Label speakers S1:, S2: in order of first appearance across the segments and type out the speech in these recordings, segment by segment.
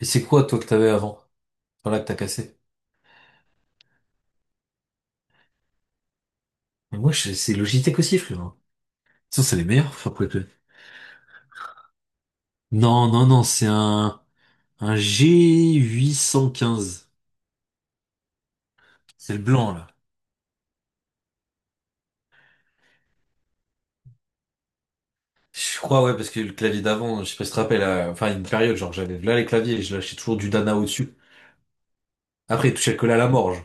S1: Et c'est quoi, toi, que t'avais avant? Voilà, que t'as cassé. Mais moi, c'est Logitech aussi, frérot. Ça, c'est les meilleurs, frère, pour les clés. Non, non, non, c'est un G815. C'est le blanc, là. Je crois, ouais, parce que le clavier d'avant, je sais pas si tu te rappelles, enfin, une période, genre, j'avais là les claviers et je lâchais toujours du Dana au-dessus. Après, il touchait le collet à la mort, genre.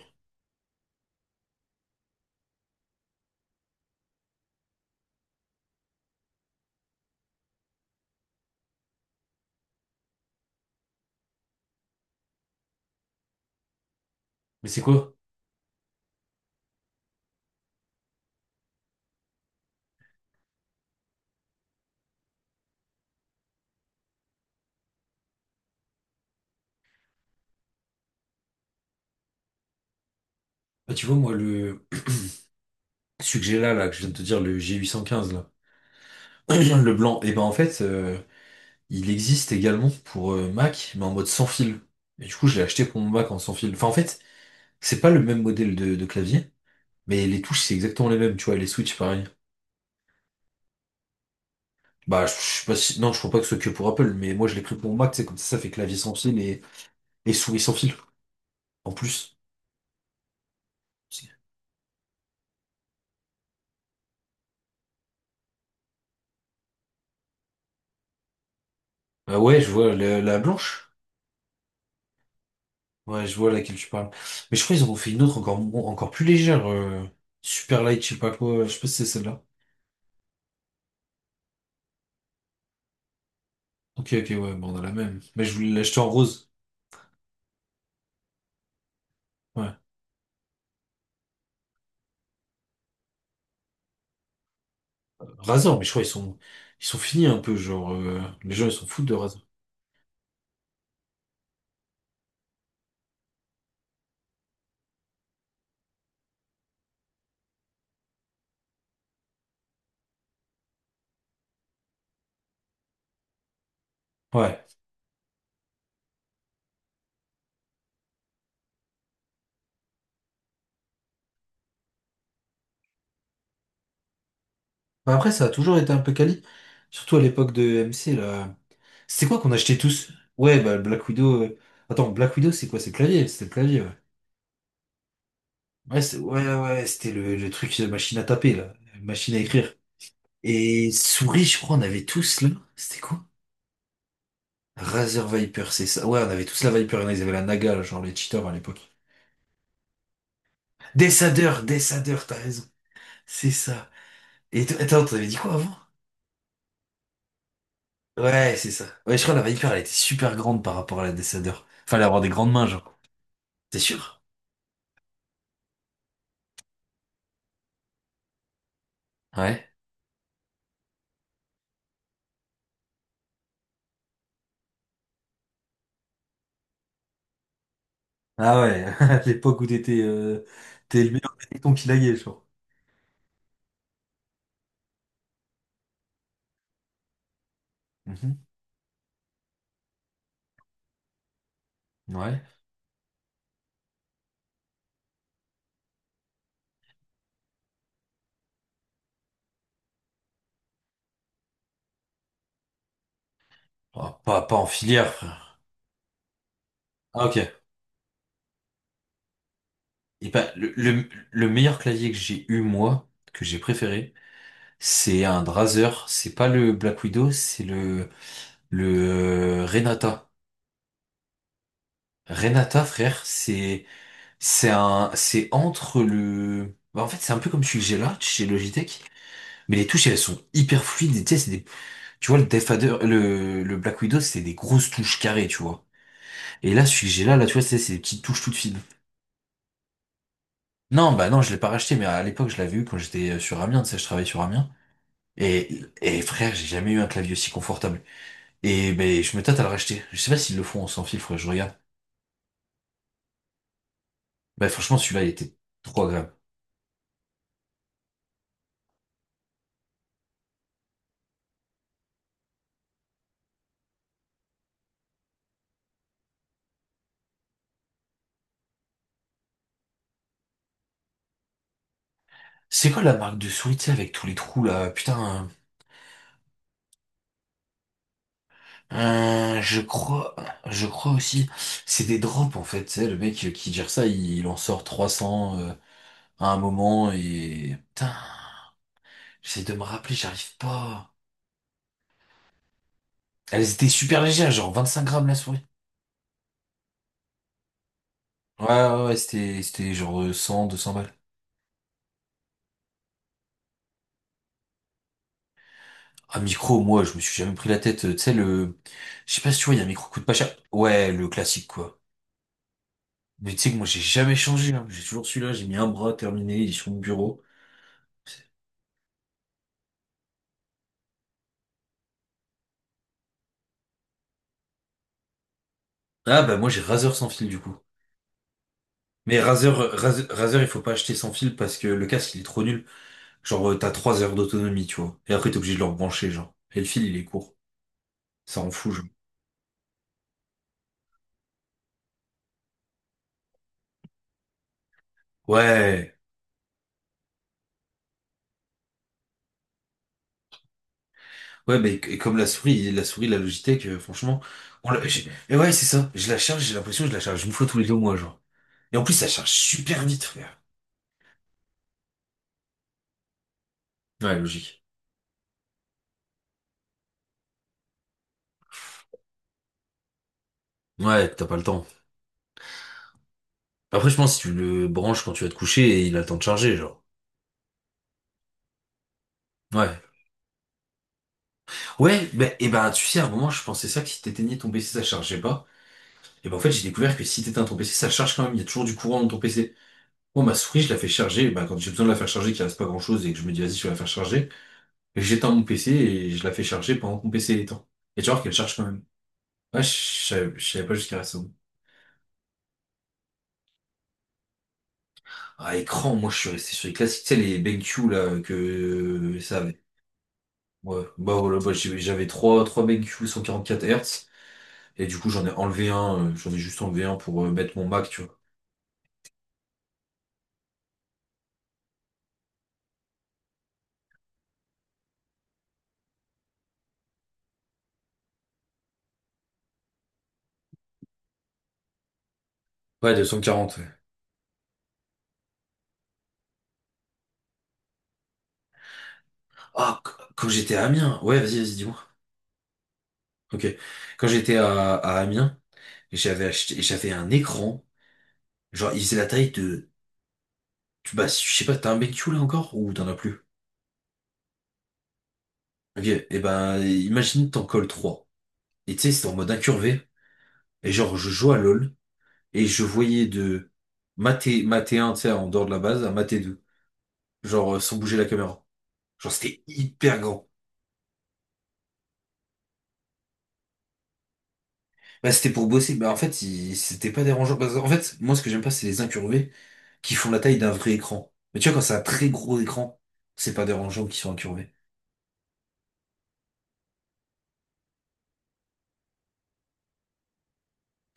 S1: Mais c'est quoi? Bah, tu vois, moi, celui que j'ai là, là, que je viens de te dire, le G815, là. Le blanc. Et ben, en fait, il existe également pour Mac, mais en mode sans fil. Et du coup, je l'ai acheté pour mon Mac en sans fil. Enfin, en fait, c'est pas le même modèle de clavier, mais les touches, c'est exactement les mêmes, tu vois, et les switches, pareil. Bah, je sais pas si... Non, je crois pas que ce soit que pour Apple, mais moi, je l'ai pris pour mon Mac, c'est comme ça fait clavier sans fil et souris sans fil, en plus. Ah ouais, je vois la blanche. Ouais, je vois laquelle tu parles. Mais je crois qu'ils en ont fait une autre encore, encore plus légère. Super light, je sais pas quoi. Je sais pas si c'est celle-là. Ok, ok, ouais, bon, on a la même. Mais je voulais l'acheter en rose. Ouais. Razor, mais je crois ils sont finis un peu, genre, les gens ils s'en foutent de Razor. Ouais. Bah après, ça a toujours été un peu quali, surtout à l'époque de MC, là. C'était quoi qu'on achetait tous? Ouais, bah, le Black Widow. Attends, Black Widow, c'est quoi? C'est le clavier? C'était le clavier, ouais. Ouais, ouais, ouais, c'était le truc de machine à taper, là. Machine à écrire. Et souris, je crois, on avait tous, là. C'était quoi? Razer Viper, c'est ça. Ouais, on avait tous la Viper, il y en a, ils avaient la Naga, là, genre les cheaters à l'époque. Dessadeur, Dessadeur, t'as raison. C'est ça. Et attends, t'avais dit quoi avant? Ouais, c'est ça. Ouais, je crois que la Viper, elle était super grande par rapport à la Descender. Fallait avoir des grandes mains, genre. T'es sûr? Ouais. Ah ouais, à l'époque où t'étais t'es le meilleur péloton qui laguait, genre. Mhm. Ouais. Oh, pas, pas en filière, frère. Ah ok. Et bah, le meilleur clavier que j'ai eu, moi, que j'ai préféré, c'est un Drazer. C'est pas le Black Widow, c'est le Renata. Renata, frère, c'est... C'est entre bah, en fait, c'est un peu comme celui que j'ai là, chez Logitech, mais les touches, elles sont hyper fluides, et tu sais, c'est des, tu vois, le le Black Widow, c'est des grosses touches carrées, tu vois. Et là, celui que j'ai là, là, tu vois, c'est des petites touches toutes fines. Non, bah non, je l'ai pas racheté, mais à l'époque, je l'avais eu quand j'étais sur Amiens, tu sais, je travaillais sur Amiens. Et frère, j'ai jamais eu un clavier aussi confortable. Et ben, je me tâte à le racheter. Je sais pas s'ils le font en sans fil, faudrait que je regarde. Bah, franchement, celui-là, il était trop agréable. C'est quoi la marque de souris, tu sais, avec tous les trous, là? Putain, Euh, je crois, je crois aussi, c'est des drops en fait. Tu sais, le mec qui gère ça, il en sort 300 à un moment et putain, j'essaie de me rappeler, j'arrive pas. Elles étaient super légères, genre 25 grammes la souris. Ouais, ouais, ouais, c'était genre 100, 200 balles. Un micro, moi, je me suis jamais pris la tête. Tu sais je sais pas si tu vois, il y a un micro coûte pas cher. Ouais, le classique quoi. Mais tu sais que moi j'ai jamais changé, hein. J'ai toujours celui-là, j'ai mis un bras terminé, il est sur mon bureau. Ah bah moi j'ai Razer sans fil du coup. Mais Razer, Razer, Razer, il faut pas acheter sans fil parce que le casque, il est trop nul. Genre, t'as 3 heures d'autonomie, tu vois. Et après, t'es obligé de le rebrancher, genre. Et le fil, il est court. Ça en fout, genre. Ouais. Ouais, mais et comme la souris, la Logitech, franchement. Et ouais, c'est ça. Je la charge, j'ai l'impression que je la charge une fois tous les deux mois, genre. Et en plus, ça charge super vite, frère. Ouais, logique. Ouais, t'as pas le temps. Après, je pense que si tu le branches quand tu vas te coucher, et il a le temps de charger, genre. Ouais. Ouais, bah, et ben, tu sais, à un moment, je pensais ça que si t'éteignais ton PC, ça chargeait pas. Et ben en fait, j'ai découvert que si t'éteins ton PC, ça charge quand même, il y a toujours du courant dans ton PC. Moi, ma souris, je la fais charger, ben, quand j'ai besoin de la faire charger, qu'il reste pas grand-chose et que je me dis, vas-y, je vais la faire charger, j'éteins mon PC et je la fais charger pendant que mon PC est éteint. Et tu vois qu'elle charge quand même. Ouais, je savais pas jusqu'à récemment. Ah, écran, moi, je suis resté sur les classiques, tu sais, les BenQ, là, que ça avait. Ouais, bah voilà, bah, j'avais trois BenQ 144 Hz, et du coup, j'en ai enlevé un, j'en ai juste enlevé un pour mettre mon Mac, tu vois. Ouais, 240, ouais. Ah, quand j'étais à Amiens, ouais, vas-y, vas-y, dis-moi. Ok. Quand j'étais à Amiens, j'avais un écran. Genre, il faisait la taille de, bah, je sais pas, t'as un BQ là encore ou t'en as plus? Ok. Et ben, imagine t'en colles trois. Et tu sais, c'était en mode incurvé. Et genre, je jouais à LoL et je voyais de maté, maté un, tu sais, en dehors de la base, à maté 2. Genre, sans bouger la caméra. Genre, c'était hyper grand. Bah, c'était pour bosser. Bah, en fait, c'était pas dérangeant. Parce qu'en fait, moi, ce que j'aime pas, c'est les incurvés qui font la taille d'un vrai écran. Mais tu vois, quand c'est un très gros écran, c'est pas dérangeant qu'ils soient incurvés.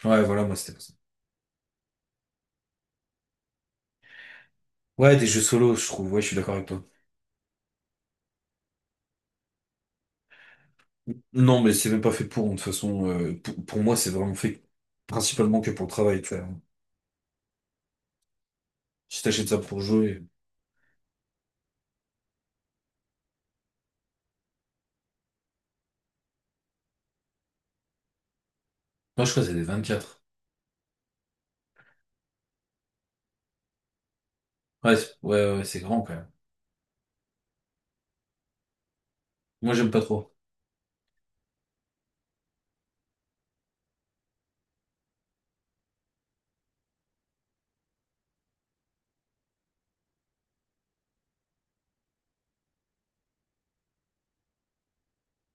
S1: Ouais, voilà, moi, c'était pas ça. Ouais, des jeux solo, je trouve. Ouais, je suis d'accord avec toi. Non, mais c'est même pas fait pour, hein. De toute façon, pour moi, c'est vraiment fait principalement que pour le travail, tu vois. Si t'achètes ça pour jouer. Moi, je crois que c'est des 24. Ouais, ouais, ouais, c'est grand quand même. Moi, j'aime pas trop.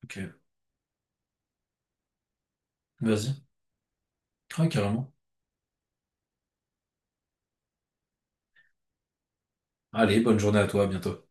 S1: Ok, vas-y. Ouais, carrément. Allez, bonne journée à toi, à bientôt.